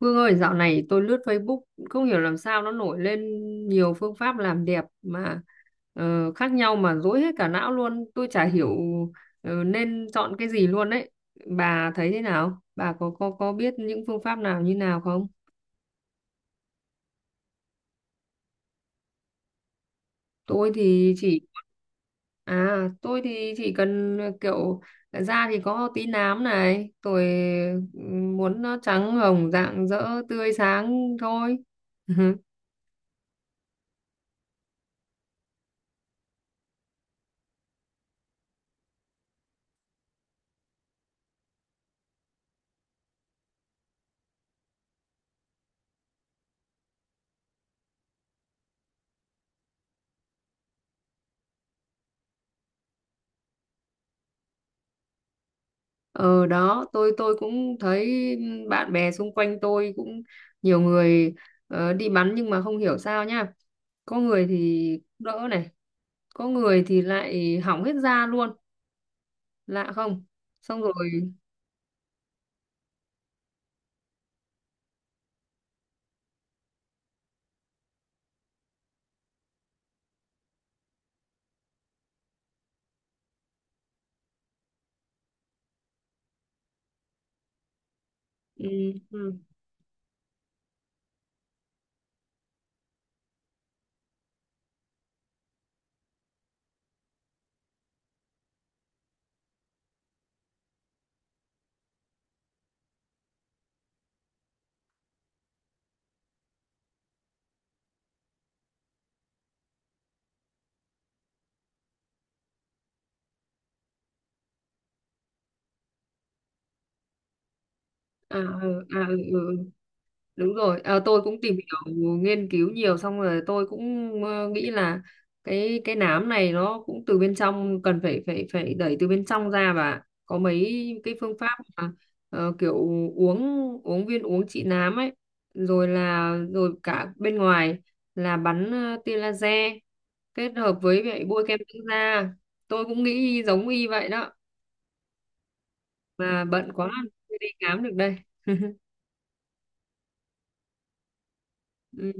Vương ơi, dạo này tôi lướt Facebook không hiểu làm sao nó nổi lên nhiều phương pháp làm đẹp mà khác nhau mà rối hết cả não luôn. Tôi chả hiểu nên chọn cái gì luôn đấy. Bà thấy thế nào? Bà có biết những phương pháp nào như nào không? Tôi thì chỉ tôi thì chỉ cần kiểu da thì có tí nám này, tôi muốn nó trắng hồng rạng rỡ tươi sáng thôi. Ờ đó, tôi cũng thấy bạn bè xung quanh tôi cũng nhiều người đi bắn nhưng mà không hiểu sao nhá. Có người thì đỡ này, có người thì lại hỏng hết da luôn, lạ không? Xong rồi, ừ, ừ. À, ừ, à, ừ, ừ. Ừ. Đúng rồi, à, tôi cũng tìm hiểu nghiên cứu nhiều xong rồi tôi cũng nghĩ là cái nám này nó cũng từ bên trong, cần phải phải phải đẩy từ bên trong ra, và có mấy cái phương pháp mà kiểu uống uống viên uống trị nám ấy, rồi là rồi cả bên ngoài là bắn tia laser kết hợp với vậy bôi kem dưỡng da. Tôi cũng nghĩ giống y vậy đó, mà bận quá chưa đi khám được đây. Ừ.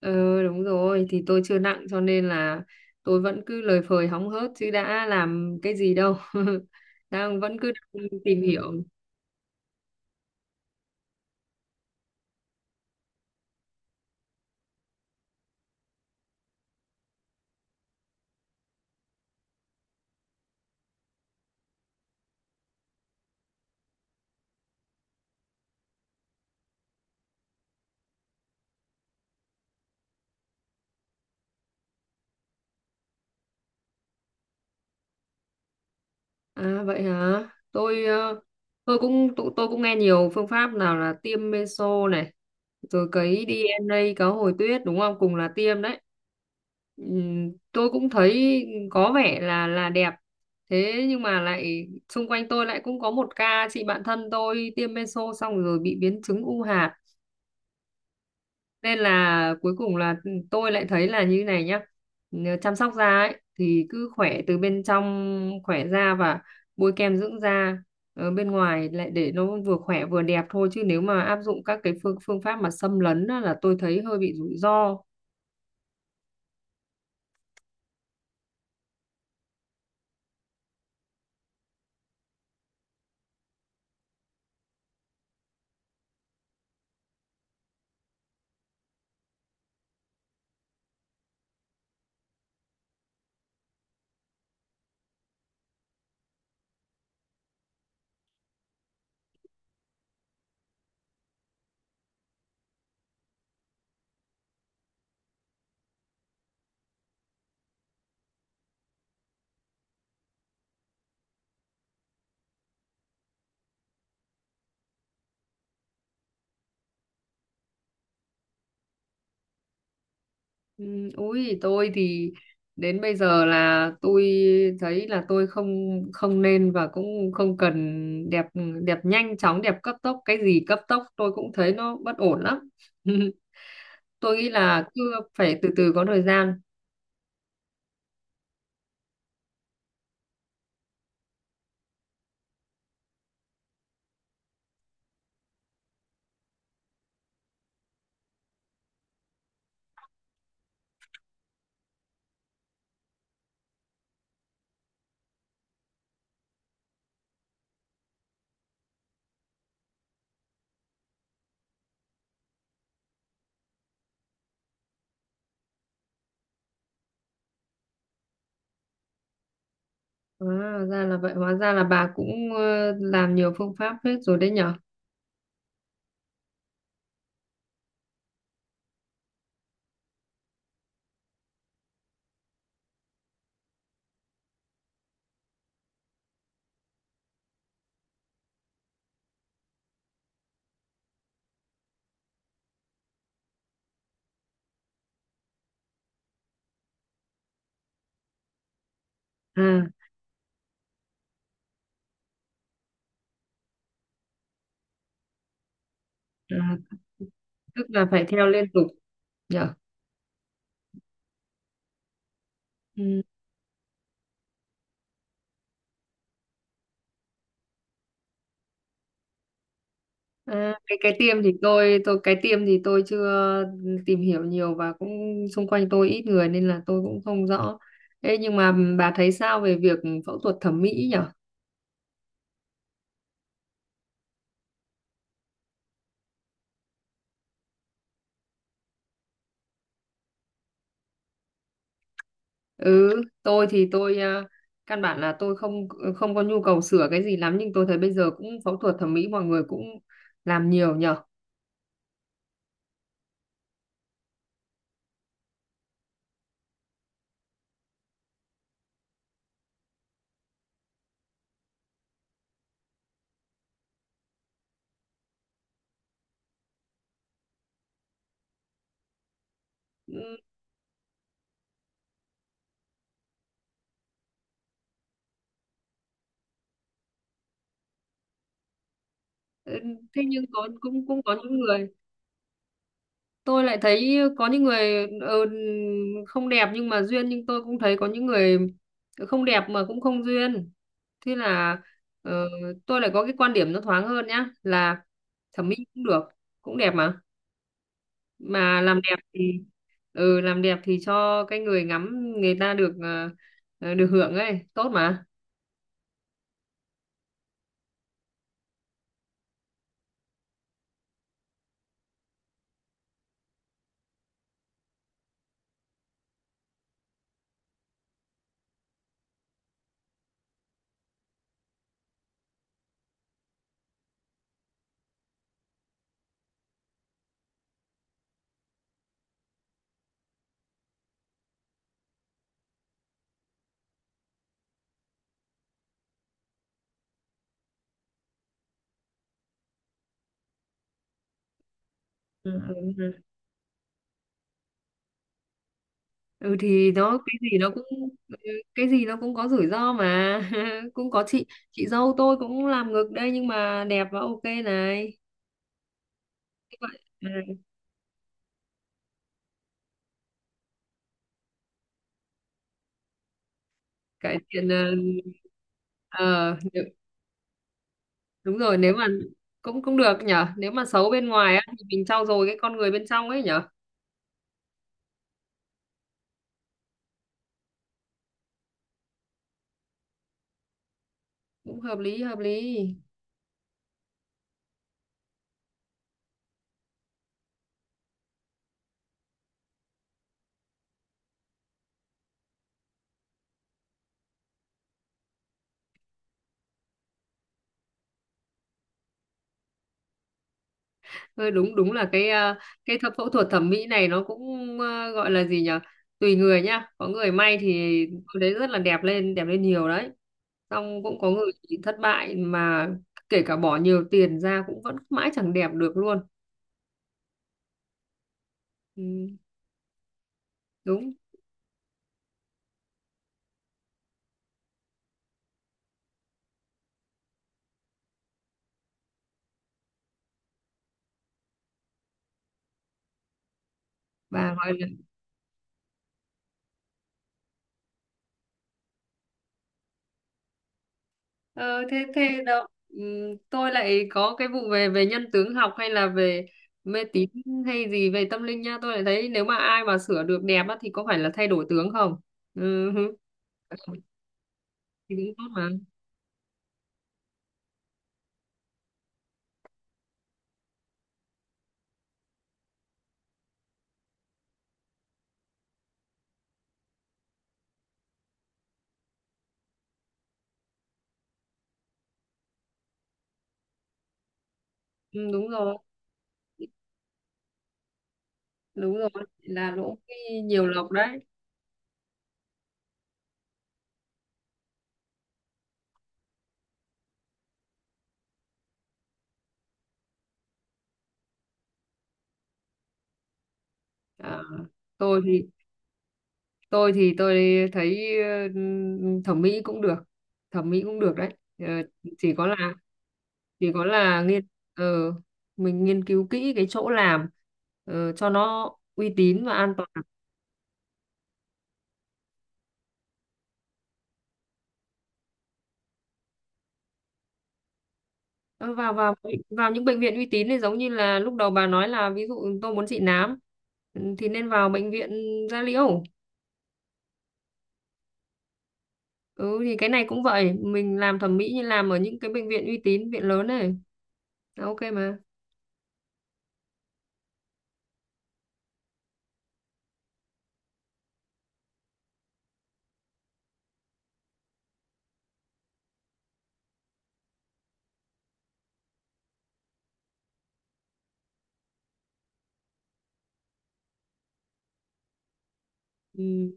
Ừ đúng rồi, thì tôi chưa nặng cho nên là tôi vẫn cứ lời phời hóng hớt chứ đã làm cái gì đâu. Vẫn cứ đang tìm hiểu. À vậy hả, tôi ờ, tôi cũng nghe nhiều phương pháp nào là tiêm meso này, rồi cấy DNA cá hồi tuyết, đúng không, cùng là tiêm đấy. Tôi cũng thấy có vẻ là đẹp, thế nhưng mà lại xung quanh tôi lại cũng có một ca chị bạn thân tôi tiêm meso xong rồi bị biến chứng u hạt, nên là cuối cùng là tôi lại thấy là như này nhá. Nếu chăm sóc da ấy thì cứ khỏe từ bên trong, khỏe da và bôi kem dưỡng da ở bên ngoài lại để nó vừa khỏe vừa đẹp thôi, chứ nếu mà áp dụng các cái phương phương pháp mà xâm lấn á, là tôi thấy hơi bị rủi ro. Ừ, ui tôi thì đến bây giờ là tôi thấy là tôi không không nên và cũng không cần đẹp, đẹp nhanh chóng, đẹp cấp tốc, cái gì cấp tốc tôi cũng thấy nó bất ổn lắm. Tôi nghĩ là cứ phải từ từ có thời gian. À, ra là vậy, hóa ra là bà cũng làm nhiều phương pháp hết rồi đấy nhở. À, à tức là phải theo liên tục nhở. Ừ. À, cái tiêm thì tôi chưa tìm hiểu nhiều và cũng xung quanh tôi ít người nên là tôi cũng không rõ. Ê, nhưng mà bà thấy sao về việc phẫu thuật thẩm mỹ nhỉ? Ừ, tôi thì tôi căn bản là tôi không có nhu cầu sửa cái gì lắm, nhưng tôi thấy bây giờ cũng phẫu thuật thẩm mỹ mọi người cũng làm nhiều nhở. Ừ, ừ. Thế nhưng có cũng cũng có những người, tôi lại thấy có những người không đẹp nhưng mà duyên, nhưng tôi cũng thấy có những người không đẹp mà cũng không duyên. Thế là ờ, tôi lại có cái quan điểm nó thoáng hơn nhá, là thẩm mỹ cũng được, cũng đẹp mà. Mà làm đẹp thì cho cái người ngắm, người ta được được hưởng ấy, tốt mà. Ừ, ừ. Ừ. Ừ, thì nó cái gì nó cũng ừ, cái gì nó cũng có rủi ro mà. Cũng có chị dâu tôi cũng làm ngực đây nhưng mà đẹp và ok này. Thế vậy, ừ, cải thiện ờ, nếu- đúng rồi, nếu mà cũng cũng được nhở, nếu mà xấu bên ngoài á thì mình trau dồi cái con người bên trong ấy nhở. Cũng hợp lý, hợp lý. Thôi đúng, đúng là cái, phẫu thuật thẩm mỹ này nó cũng gọi là gì nhỉ? Tùy người nhá. Có người may thì tôi thấy rất là đẹp lên nhiều đấy. Xong cũng có người chỉ thất bại, mà kể cả bỏ nhiều tiền ra cũng vẫn mãi chẳng đẹp được luôn. Ừ, đúng. Bà gọi là ờ, thế thế đâu. Ừ, tôi lại có cái vụ về về nhân tướng học hay là về mê tín hay gì về tâm linh nha. Tôi lại thấy nếu mà ai mà sửa được đẹp á, thì có phải là thay đổi tướng không? Ừ, thì cũng tốt mà. Ừ, đúng rồi, đúng rồi, là lỗ cái nhiều lọc đấy. À, tôi thì tôi thì tôi thấy ừ, thẩm mỹ cũng được, thẩm mỹ cũng được đấy. Ờ, chỉ có là chỉ có là ờ, mình nghiên cứu kỹ cái chỗ làm, cho nó uy tín và an toàn. Ờ, vào vào vào những bệnh viện uy tín thì giống như là lúc đầu bà nói là ví dụ tôi muốn trị nám, ừ, thì nên vào bệnh viện da liễu. Ừ thì cái này cũng vậy, mình làm thẩm mỹ như làm ở những cái bệnh viện uy tín, viện lớn này, là ok mà. Ừ.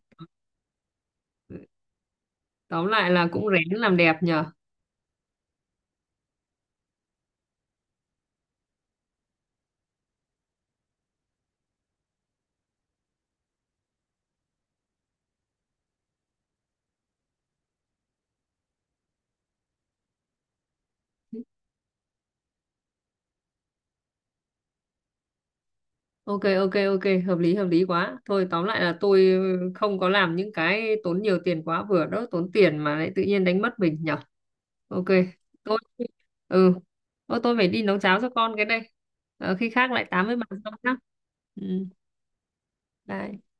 Tóm lại là cũng rén làm đẹp nhờ. Ok ok ok, hợp lý quá. Thôi tóm lại là tôi không có làm những cái tốn nhiều tiền quá vừa đó, tốn tiền mà lại tự nhiên đánh mất mình nhở. Ok. Tôi, ừ, Ô, tôi phải đi nấu cháo cho con cái đây. Ờ, khi khác lại tám với bạn sau nhá. Ừ, bye.